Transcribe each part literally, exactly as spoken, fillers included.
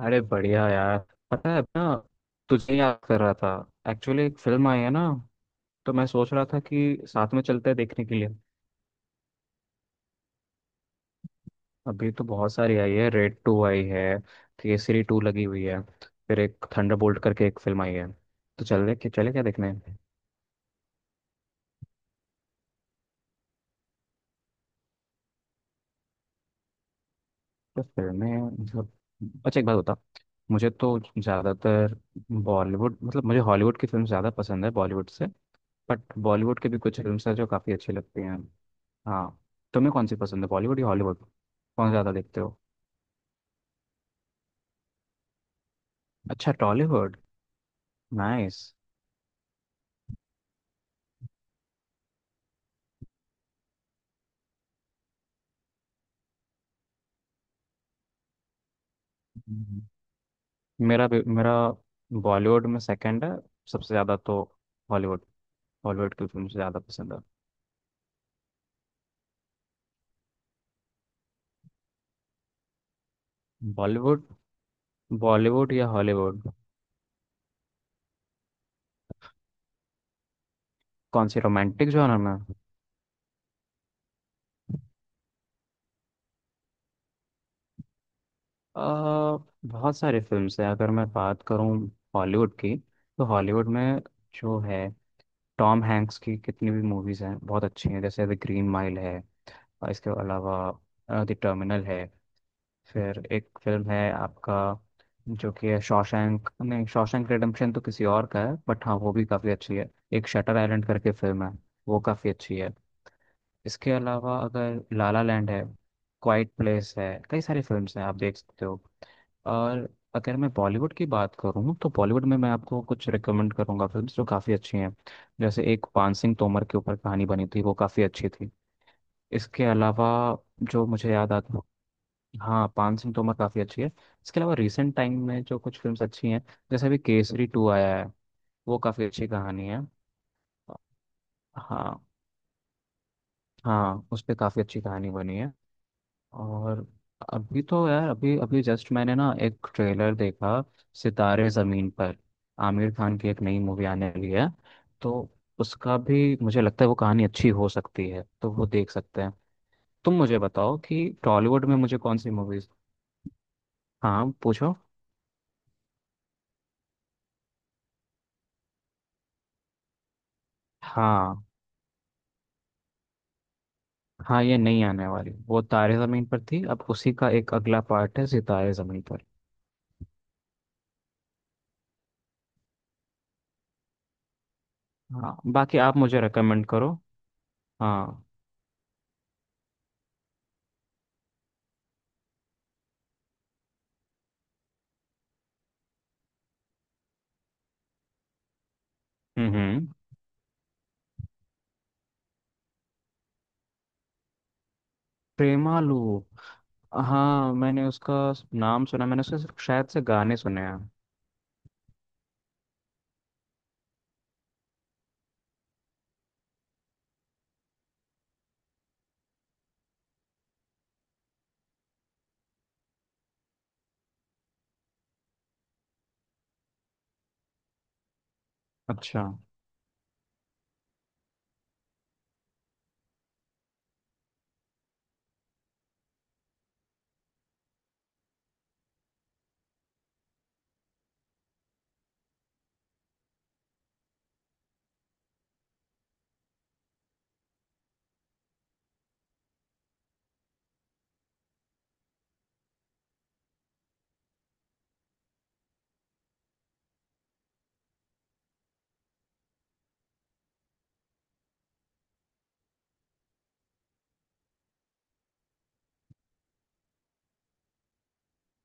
अरे बढ़िया यार। पता है ना, तुझे याद कर रहा था। एक्चुअली एक फिल्म आई है ना, तो मैं सोच रहा था कि साथ में चलते हैं देखने के लिए। अभी तो बहुत सारी आई है, रेड टू आई है, केसरी टू लगी हुई है, फिर एक थंडरबोल्ट करके एक फिल्म आई है। तो चले कि चले क्या देखने। तो फिल्में, मतलब, अच्छा एक बात बता, मुझे तो ज़्यादातर बॉलीवुड, मतलब मुझे हॉलीवुड की फिल्म ज़्यादा पसंद है बॉलीवुड से। बट बॉलीवुड के भी कुछ फिल्म हैं जो काफ़ी अच्छी लगती हैं। हाँ, तुम्हें कौन सी पसंद है, बॉलीवुड या हॉलीवुड? कौन ज़्यादा देखते हो? अच्छा, टॉलीवुड। नाइस। हम्म। मेरा भी- मेरा बॉलीवुड में सेकंड है। सबसे ज़्यादा तो हॉलीवुड, हॉलीवुड की फिल्म ज़्यादा पसंद है। बॉलीवुड, बॉलीवुड या हॉलीवुड? कौन सी, रोमांटिक जॉनर में? आ, बहुत सारी फिल्म्स हैं। अगर मैं बात करूँ हॉलीवुड की, तो हॉलीवुड में जो है, टॉम हैंक्स की कितनी भी मूवीज़ हैं बहुत अच्छी हैं। जैसे द ग्रीन माइल है, और इसके अलावा द टर्मिनल है, फिर एक फिल्म है आपका, जो कि है शॉशैंक, नहीं शॉशैंक रिडेम्पशन तो किसी और का है, बट हाँ वो भी काफ़ी अच्छी है। एक शटर आइलैंड करके फिल्म है, वो काफ़ी अच्छी है। इसके अलावा अगर लाला लैंड है, क्वाइट प्लेस है, कई सारी फिल्म्स हैं आप देख सकते हो। और अगर मैं बॉलीवुड की बात करूँ, तो बॉलीवुड में मैं आपको कुछ रिकमेंड करूँगा फिल्म्स जो काफ़ी अच्छी हैं। जैसे एक पान सिंह तोमर के ऊपर कहानी बनी थी, वो काफ़ी अच्छी थी। इसके अलावा जो मुझे याद आता, हाँ पान सिंह तोमर काफ़ी अच्छी है। इसके अलावा रिसेंट टाइम में जो कुछ फिल्म्स अच्छी हैं, जैसे अभी केसरी टू आया है, वो काफ़ी अच्छी कहानी है। हाँ। हाँ, उस पर काफ़ी अच्छी कहानी बनी है। और अभी तो यार, अभी अभी जस्ट मैंने ना एक ट्रेलर देखा, सितारे ज़मीन पर, आमिर खान की एक नई मूवी आने वाली है। तो उसका भी मुझे लगता है वो कहानी अच्छी हो सकती है, तो वो देख सकते हैं। तुम मुझे बताओ कि टॉलीवुड में मुझे कौन सी मूवीज़। हाँ पूछो। हाँ, हाँ ये नहीं आने वाली, वो तारे ज़मीन पर थी, अब उसी का एक अगला पार्ट है सितारे ज़मीन पर। हाँ, बाकी आप मुझे रेकमेंड करो। हाँ। हम्म, हम्म। प्रेमालू, हाँ मैंने उसका नाम सुना। मैंने उसके सिर्फ शायद से गाने सुने हैं। अच्छा।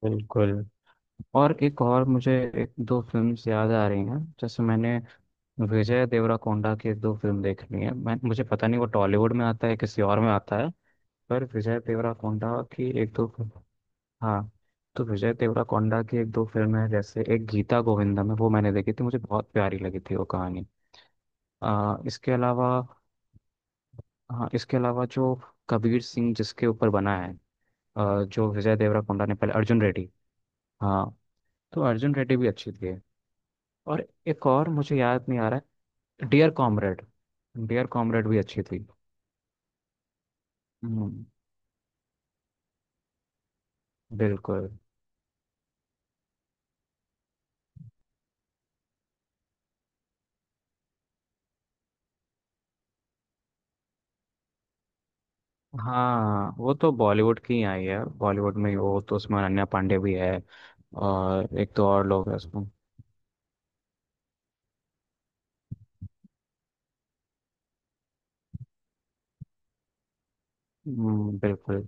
बिल्कुल। और एक और मुझे एक दो फिल्म्स याद आ रही हैं, जैसे मैंने विजय देवराकोंडा की दो फिल्म देख ली है। मैं मुझे पता नहीं वो टॉलीवुड में आता है किसी और में आता है। पर विजय देवराकोंडा की एक दो, हाँ, तो विजय देवराकोंडा की एक दो फिल्में हैं, जैसे एक गीता गोविंदम है, वो मैंने देखी थी, मुझे बहुत प्यारी लगी थी वो कहानी। आ, इसके अलावा, हाँ इसके अलावा जो कबीर सिंह जिसके ऊपर बना है, आ, जो विजय देवराकोंडा ने पहले अर्जुन रेड्डी, हाँ तो अर्जुन रेड्डी भी अच्छी थी। और एक और मुझे याद नहीं आ रहा है, डियर कॉमरेड। डियर कॉमरेड भी अच्छी थी। हम्म, बिल्कुल। हाँ वो तो बॉलीवुड की ही आई है, बॉलीवुड में ही, वो तो उसमें अनन्या पांडे भी है, और एक दो और लोग हैं उसमें। हम्म, बिल्कुल।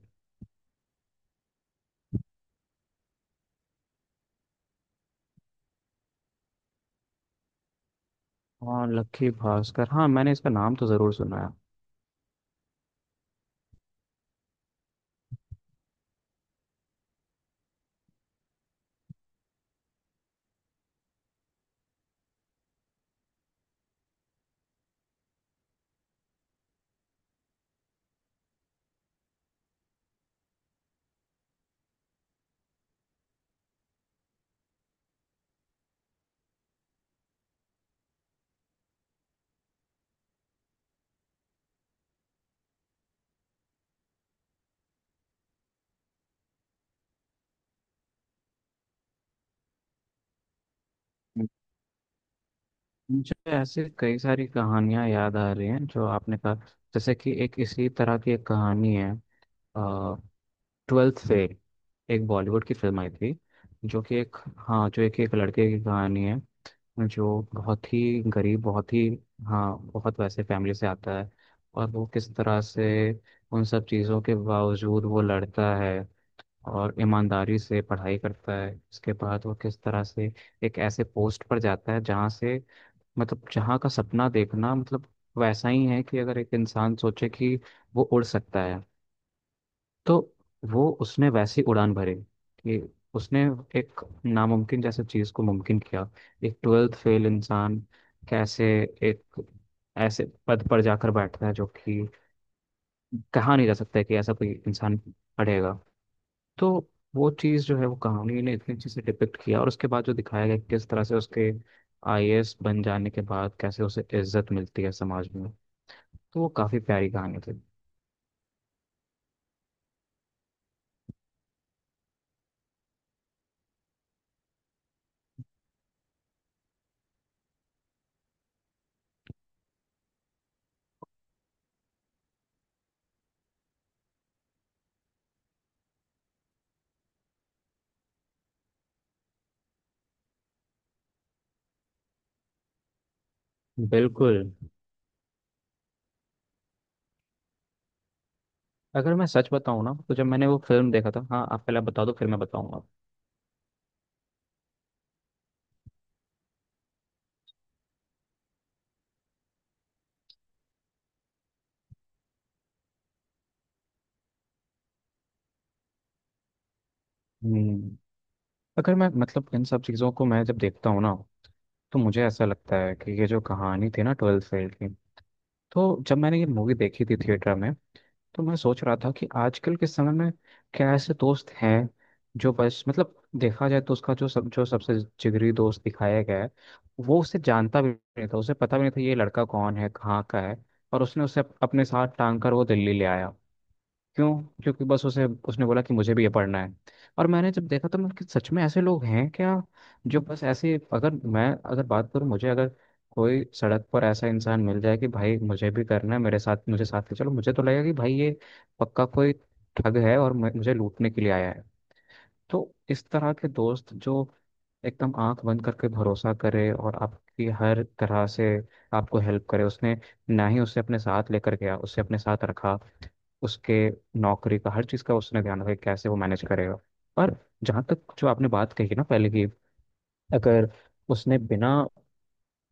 हाँ लक्की भास्कर, हाँ मैंने इसका नाम तो ज़रूर सुना है। मुझे ऐसे कई सारी कहानियाँ याद आ रही हैं जो आपने कहा, जैसे कि एक इसी तरह की एक कहानी है, ट्वेल्थ फेल, एक बॉलीवुड की फिल्म आई थी, जो कि एक, हाँ जो एक एक लड़के की कहानी है। जो बहुत ही गरीब, बहुत ही, हाँ बहुत वैसे फैमिली से आता है, और वो किस तरह से उन सब चीज़ों के बावजूद वो लड़ता है और ईमानदारी से पढ़ाई करता है। उसके बाद वो किस तरह से एक ऐसे पोस्ट पर जाता है जहाँ से, मतलब जहाँ का सपना देखना, मतलब वैसा ही है कि अगर एक इंसान सोचे कि वो उड़ सकता है, तो वो, उसने वैसी उड़ान भरी कि उसने एक नामुमकिन जैसे चीज़ को मुमकिन किया। एक ट्वेल्थ फेल इंसान कैसे एक ऐसे पद पर जाकर बैठता है जो कि कहा नहीं जा सकता है कि ऐसा कोई इंसान पढ़ेगा। तो वो चीज़ जो है, वो कहानी ने इतनी अच्छे से डिपिक्ट किया, और उसके बाद जो दिखाया गया कि किस तरह से उसके आईएएस बन जाने के बाद कैसे उसे इज्जत मिलती है समाज में। तो वो काफ़ी प्यारी कहानी थी। बिल्कुल। अगर मैं सच बताऊँ ना, तो जब मैंने वो फिल्म देखा था, हाँ आप पहले बता दो फिर मैं बताऊंगा। हम्म। अगर मैं, मतलब इन सब चीज़ों को मैं जब देखता हूँ ना, तो मुझे ऐसा लगता है कि ये जो कहानी थी ना ट्वेल्थ फेल की, तो जब मैंने ये मूवी देखी थी थिएटर में, तो मैं सोच रहा था कि आजकल के समय में क्या ऐसे दोस्त हैं जो बस, मतलब देखा जाए तो उसका जो सब, जो सबसे जिगरी दोस्त दिखाया गया है, वो उसे जानता भी नहीं था, उसे पता भी नहीं था ये लड़का कौन है, कहाँ का है। और उसने उसे अप- अपने साथ टांग कर वो दिल्ली ले आया। क्यों? क्योंकि बस उसे उसने बोला कि मुझे भी ये पढ़ना है। और मैंने जब देखा तो मैं कि सच में ऐसे लोग हैं क्या जो बस ऐसे, अगर मैं, अगर बात करूँ, मुझे अगर कोई सड़क पर ऐसा इंसान मिल जाए कि भाई मुझे भी करना है, मेरे साथ, मुझे साथ ले चलो, मुझे तो लगेगा कि भाई ये पक्का कोई ठग है और मैं- मुझे लूटने के लिए आया है। तो इस तरह के दोस्त जो एकदम आंख बंद करके भरोसा करे और आपकी हर तरह से आपको हेल्प करे, उसने ना ही उसे अपने साथ लेकर गया, उसे अपने साथ रखा, उसके नौकरी का हर चीज़ का उसने ध्यान रखा कि कैसे वो मैनेज करेगा। और जहाँ तक जो आपने बात कही ना पहले की, अगर, उसने बिना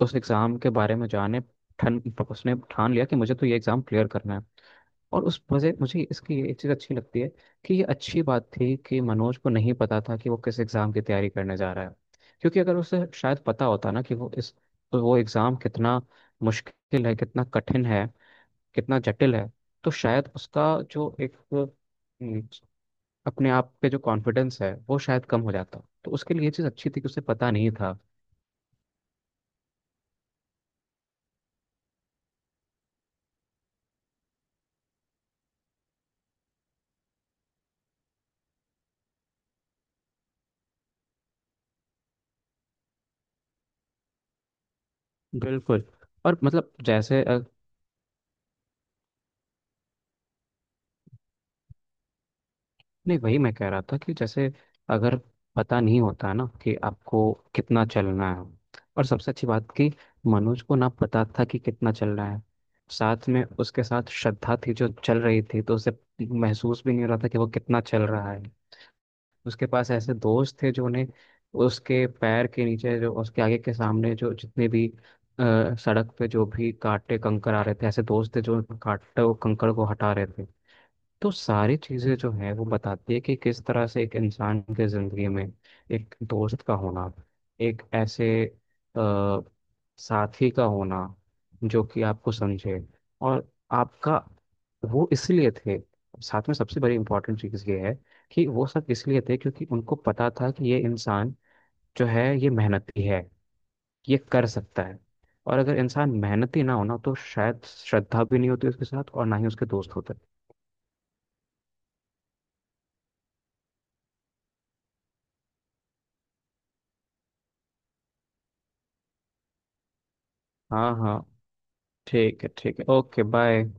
उस एग्ज़ाम के बारे में जाने, ठन, उसने ठान लिया कि मुझे तो ये एग्ज़ाम क्लियर करना है। और उस वजह मुझे इसकी ये एक चीज़ अच्छी लगती है कि ये अच्छी बात थी कि मनोज को नहीं पता था कि वो किस एग्ज़ाम की तैयारी करने जा रहा है। क्योंकि अगर उसे शायद पता होता ना कि वो इस, वो एग्ज़ाम कितना मुश्किल है, कितना कठिन है, कितना जटिल है, तो शायद उसका जो एक हम्म, अपने आप पे जो कॉन्फिडेंस है वो शायद कम हो जाता। तो उसके लिए ये चीज़ अच्छी थी कि उसे पता नहीं था। बिल्कुल। और मतलब जैसे अ, नहीं, वही मैं कह रहा था कि जैसे अगर पता नहीं होता ना कि आपको कितना चलना है, और सबसे अच्छी बात कि मनोज को ना पता था कि कितना चलना है। साथ में उसके साथ श्रद्धा थी जो चल रही थी, तो उसे महसूस भी नहीं हो रहा था कि वो कितना चल रहा है। उसके पास ऐसे दोस्त थे जो उन्हें, उसके पैर के नीचे, जो उसके आगे के सामने, जो जितने भी अ, सड़क पे जो भी कांटे कंकर आ रहे थे, ऐसे दोस्त थे जो कांटे और कंकर को हटा रहे थे। तो सारी चीज़ें जो है वो बताती है कि किस तरह से एक इंसान के ज़िंदगी में एक दोस्त का होना, एक ऐसे अ, साथी का होना जो कि आपको समझे, और आपका, वो इसलिए थे। साथ में सबसे बड़ी इम्पोर्टेंट चीज़ ये है कि वो सब इसलिए थे क्योंकि उनको पता था कि ये इंसान जो है ये मेहनती है, ये कर सकता है। और अगर इंसान मेहनती ना होना तो शायद श्रद्धा भी नहीं होती उसके साथ और ना ही उसके दोस्त होते। हाँ, हाँ, ठीक है, ठीक है, ओके बाय।